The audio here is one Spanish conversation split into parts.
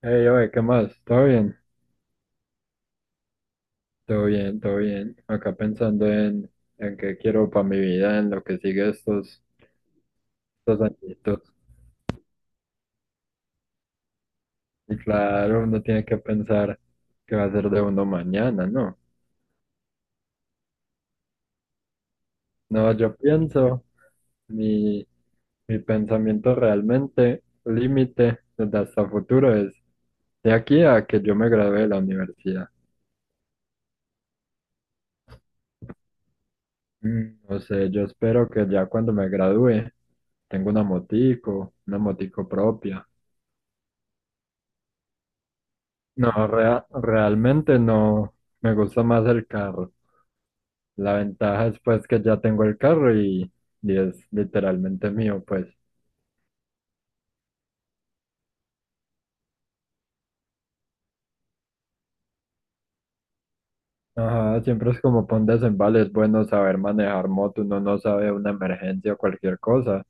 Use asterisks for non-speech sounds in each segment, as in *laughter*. Hey, oye, ¿qué más? ¿Todo bien? Todo bien, todo bien. Acá pensando en qué quiero para mi vida, en lo que sigue estos añitos. Y claro, uno tiene que pensar qué va a ser de uno mañana, ¿no? No, yo pienso, mi, mi pensamiento realmente, límite, desde hasta futuro es de aquí a que yo me gradúe de la universidad. No sé, yo espero que ya cuando me gradúe, tengo una motico propia. No, realmente no. Me gusta más el carro. La ventaja es pues que ya tengo el carro y es literalmente mío, pues. Ajá, siempre es como pon desembales es bueno saber manejar moto, uno no sabe una emergencia o cualquier cosa.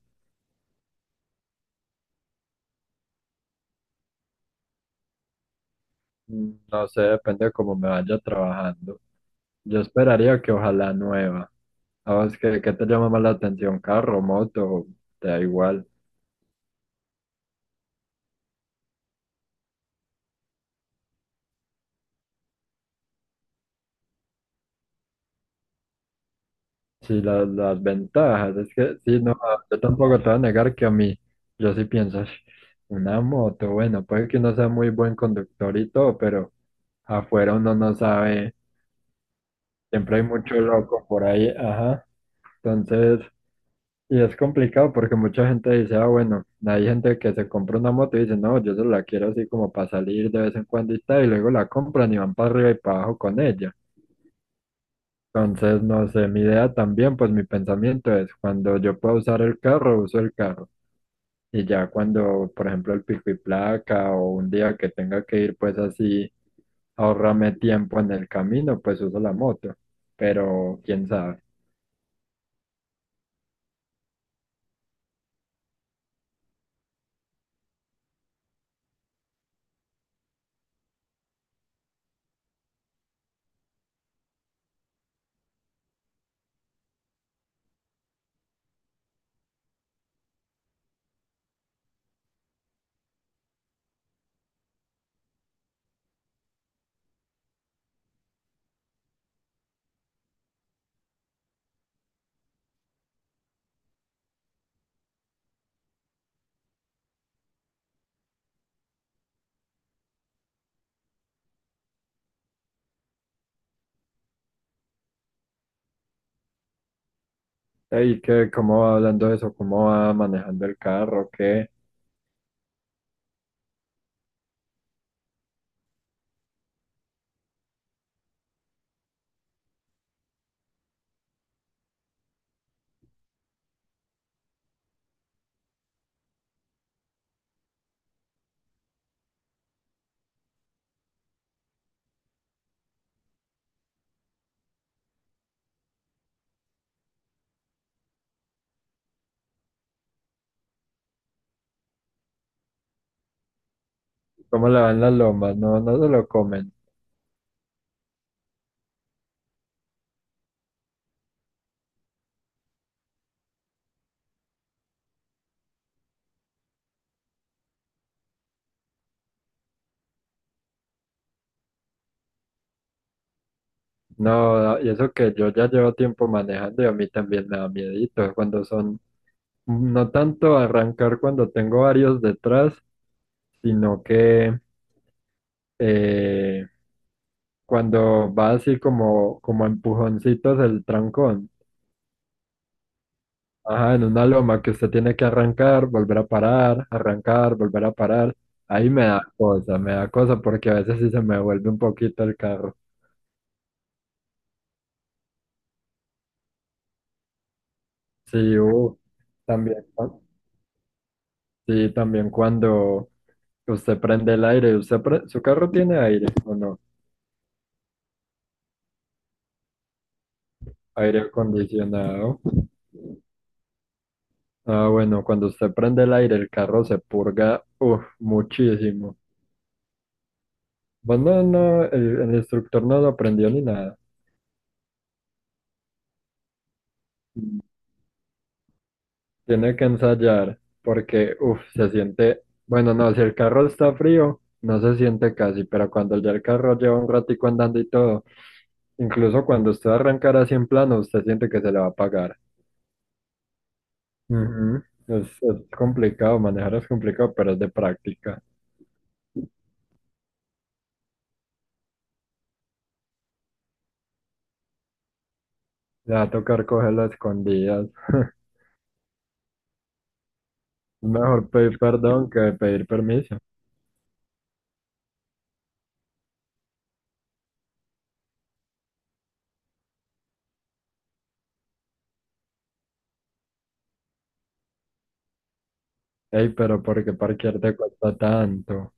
No sé, depende de cómo me vaya trabajando. Yo esperaría que ojalá nueva. A ¿Sabes qué te llama más la atención? ¿Carro, moto? Te da igual. Sí, las ventajas, es que sí, no, yo tampoco te voy a negar que a mí, yo sí pienso: "Ush, una moto, bueno, puede que uno sea muy buen conductor y todo, pero afuera uno no sabe, siempre hay mucho loco por ahí, ajá, entonces, y es complicado porque mucha gente dice, ah, bueno, hay gente que se compra una moto y dice, no, yo solo la quiero así como para salir de vez en cuando y tal, y luego la compran y van para arriba y para abajo con ella". Entonces, no sé, mi idea también, pues mi pensamiento es, cuando yo pueda usar el carro, uso el carro. Y ya cuando, por ejemplo, el pico y placa o un día que tenga que ir, pues así, ahorrame tiempo en el camino, pues uso la moto. Pero, quién sabe. ¿Y qué? ¿Cómo va hablando de eso? ¿Cómo va manejando el carro? ¿Qué? ¿Cómo le van las lomas? No, no se lo comen. No, y eso que yo ya llevo tiempo manejando y a mí también me da miedito cuando son no tanto arrancar cuando tengo varios detrás, sino que eh, cuando va así como a empujoncitos el trancón. Ajá, en una loma que usted tiene que arrancar, volver a parar, arrancar, volver a parar. Ahí me da cosa porque a veces sí se me vuelve un poquito el carro. Sí, también, ¿no? Sí, también cuando usted prende el aire, usted su carro tiene aire o no, aire acondicionado. Ah, bueno, cuando usted prende el aire, el carro se purga, uff, muchísimo. Bueno, no, no, el instructor no lo aprendió ni nada. Tiene que ensayar porque, uff, se siente, bueno, no, si el carro está frío, no se siente casi, pero cuando ya el carro lleva un ratico andando y todo, incluso cuando usted arrancar así en plano, usted siente que se le va a apagar. Ujú. Es complicado, manejar es complicado, pero es de práctica. Le va a tocar cogerlo a escondidas. *laughs* Mejor pedir perdón que pedir permiso. Ey, pero ¿por qué parquear te cuesta tanto?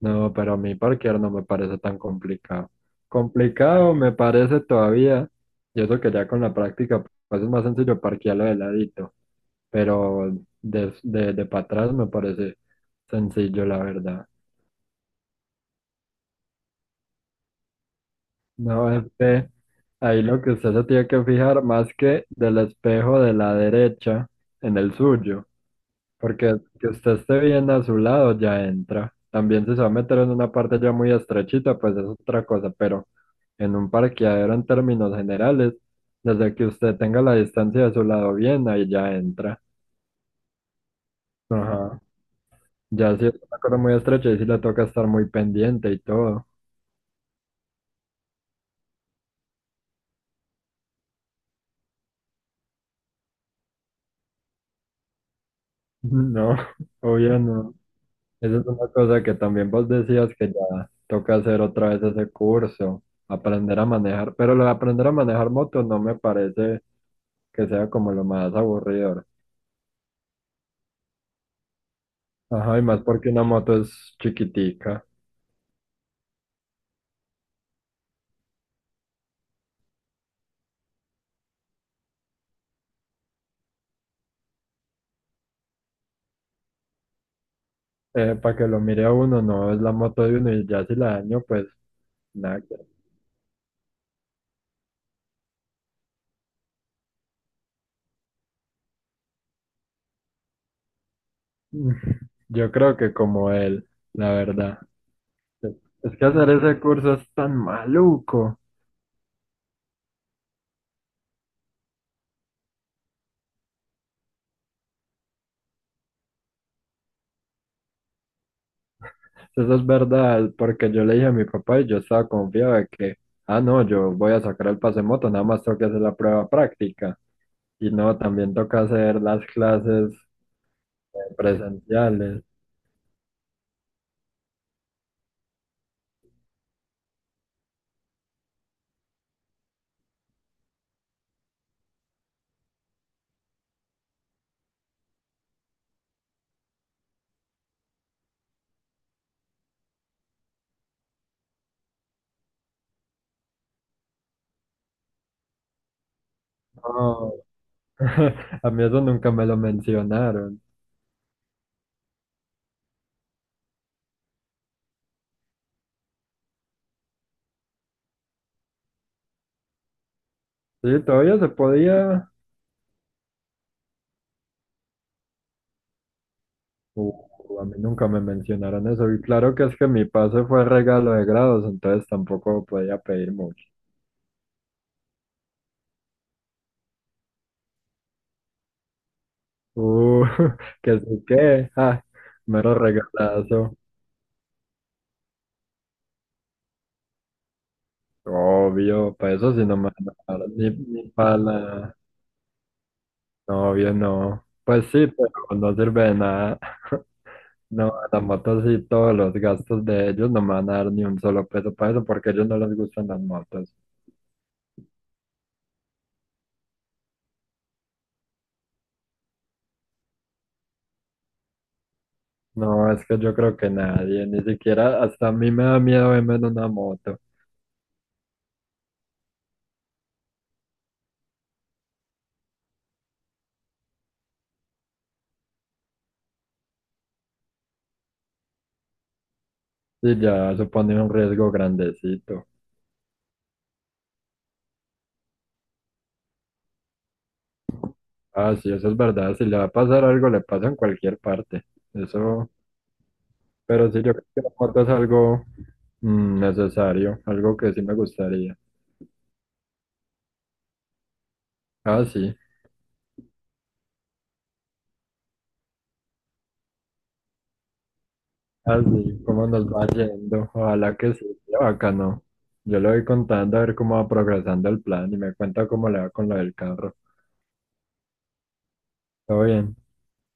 No, pero a mí parquear no me parece tan complicado. Complicado me parece todavía, y eso que ya con la práctica, pues es más sencillo parquearlo de ladito, pero de para atrás me parece sencillo, la verdad. No, es que ahí lo que usted se tiene que fijar más que del espejo de la derecha en el suyo. Porque que usted esté bien a su lado ya entra. También si se va a meter en una parte ya muy estrechita, pues es otra cosa, pero en un parqueadero en términos generales, desde que usted tenga la distancia de su lado bien, ahí ya entra. Ajá. Ya si es una cosa muy estrecha y si le toca estar muy pendiente y todo. *laughs* No, obvio no. Esa es una cosa que también vos decías que ya toca hacer otra vez ese curso, aprender a manejar, pero lo de aprender a manejar moto no me parece que sea como lo más aburridor. Ajá, y más porque una moto es chiquitica. Para que lo mire a uno, no es la moto de uno y ya si la daño, pues nada hacer. *laughs* Yo creo que como él, la verdad. Es que hacer ese curso es tan maluco. Eso es verdad, porque yo le dije a mi papá y yo estaba confiado de que, ah, no, yo voy a sacar el pase moto, nada más tengo que hacer la prueba práctica. Y no, también toca hacer las clases presenciales. No, *laughs* a mí eso nunca me lo mencionaron. Sí, todavía se podía. A mí nunca me mencionaron eso. Y claro que es que mi pase fue regalo de grados, entonces tampoco podía pedir mucho. Uh, *laughs* que sí que, mero regalazo. Obvio, para eso sí no me van a dar, ni para la novia, no. Pues sí, pero no sirve de nada. *laughs* No, a la moto sí, todos los gastos de ellos no me van a dar ni un solo peso para eso porque a ellos no les gustan las motos. No, es que yo creo que nadie, ni siquiera hasta a mí me da miedo verme en una moto. Y ya supone un riesgo grandecito. Ah, sí, eso es verdad. Si le va a pasar algo, le pasa en cualquier parte. Eso, pero sí, yo creo que la moto es algo necesario, algo que sí me gustaría. Ah, sí, así, cómo nos va yendo. Ojalá que sí, qué bacano. Yo le voy contando a ver cómo va progresando el plan y me cuenta cómo le va con lo del carro. Todo bien.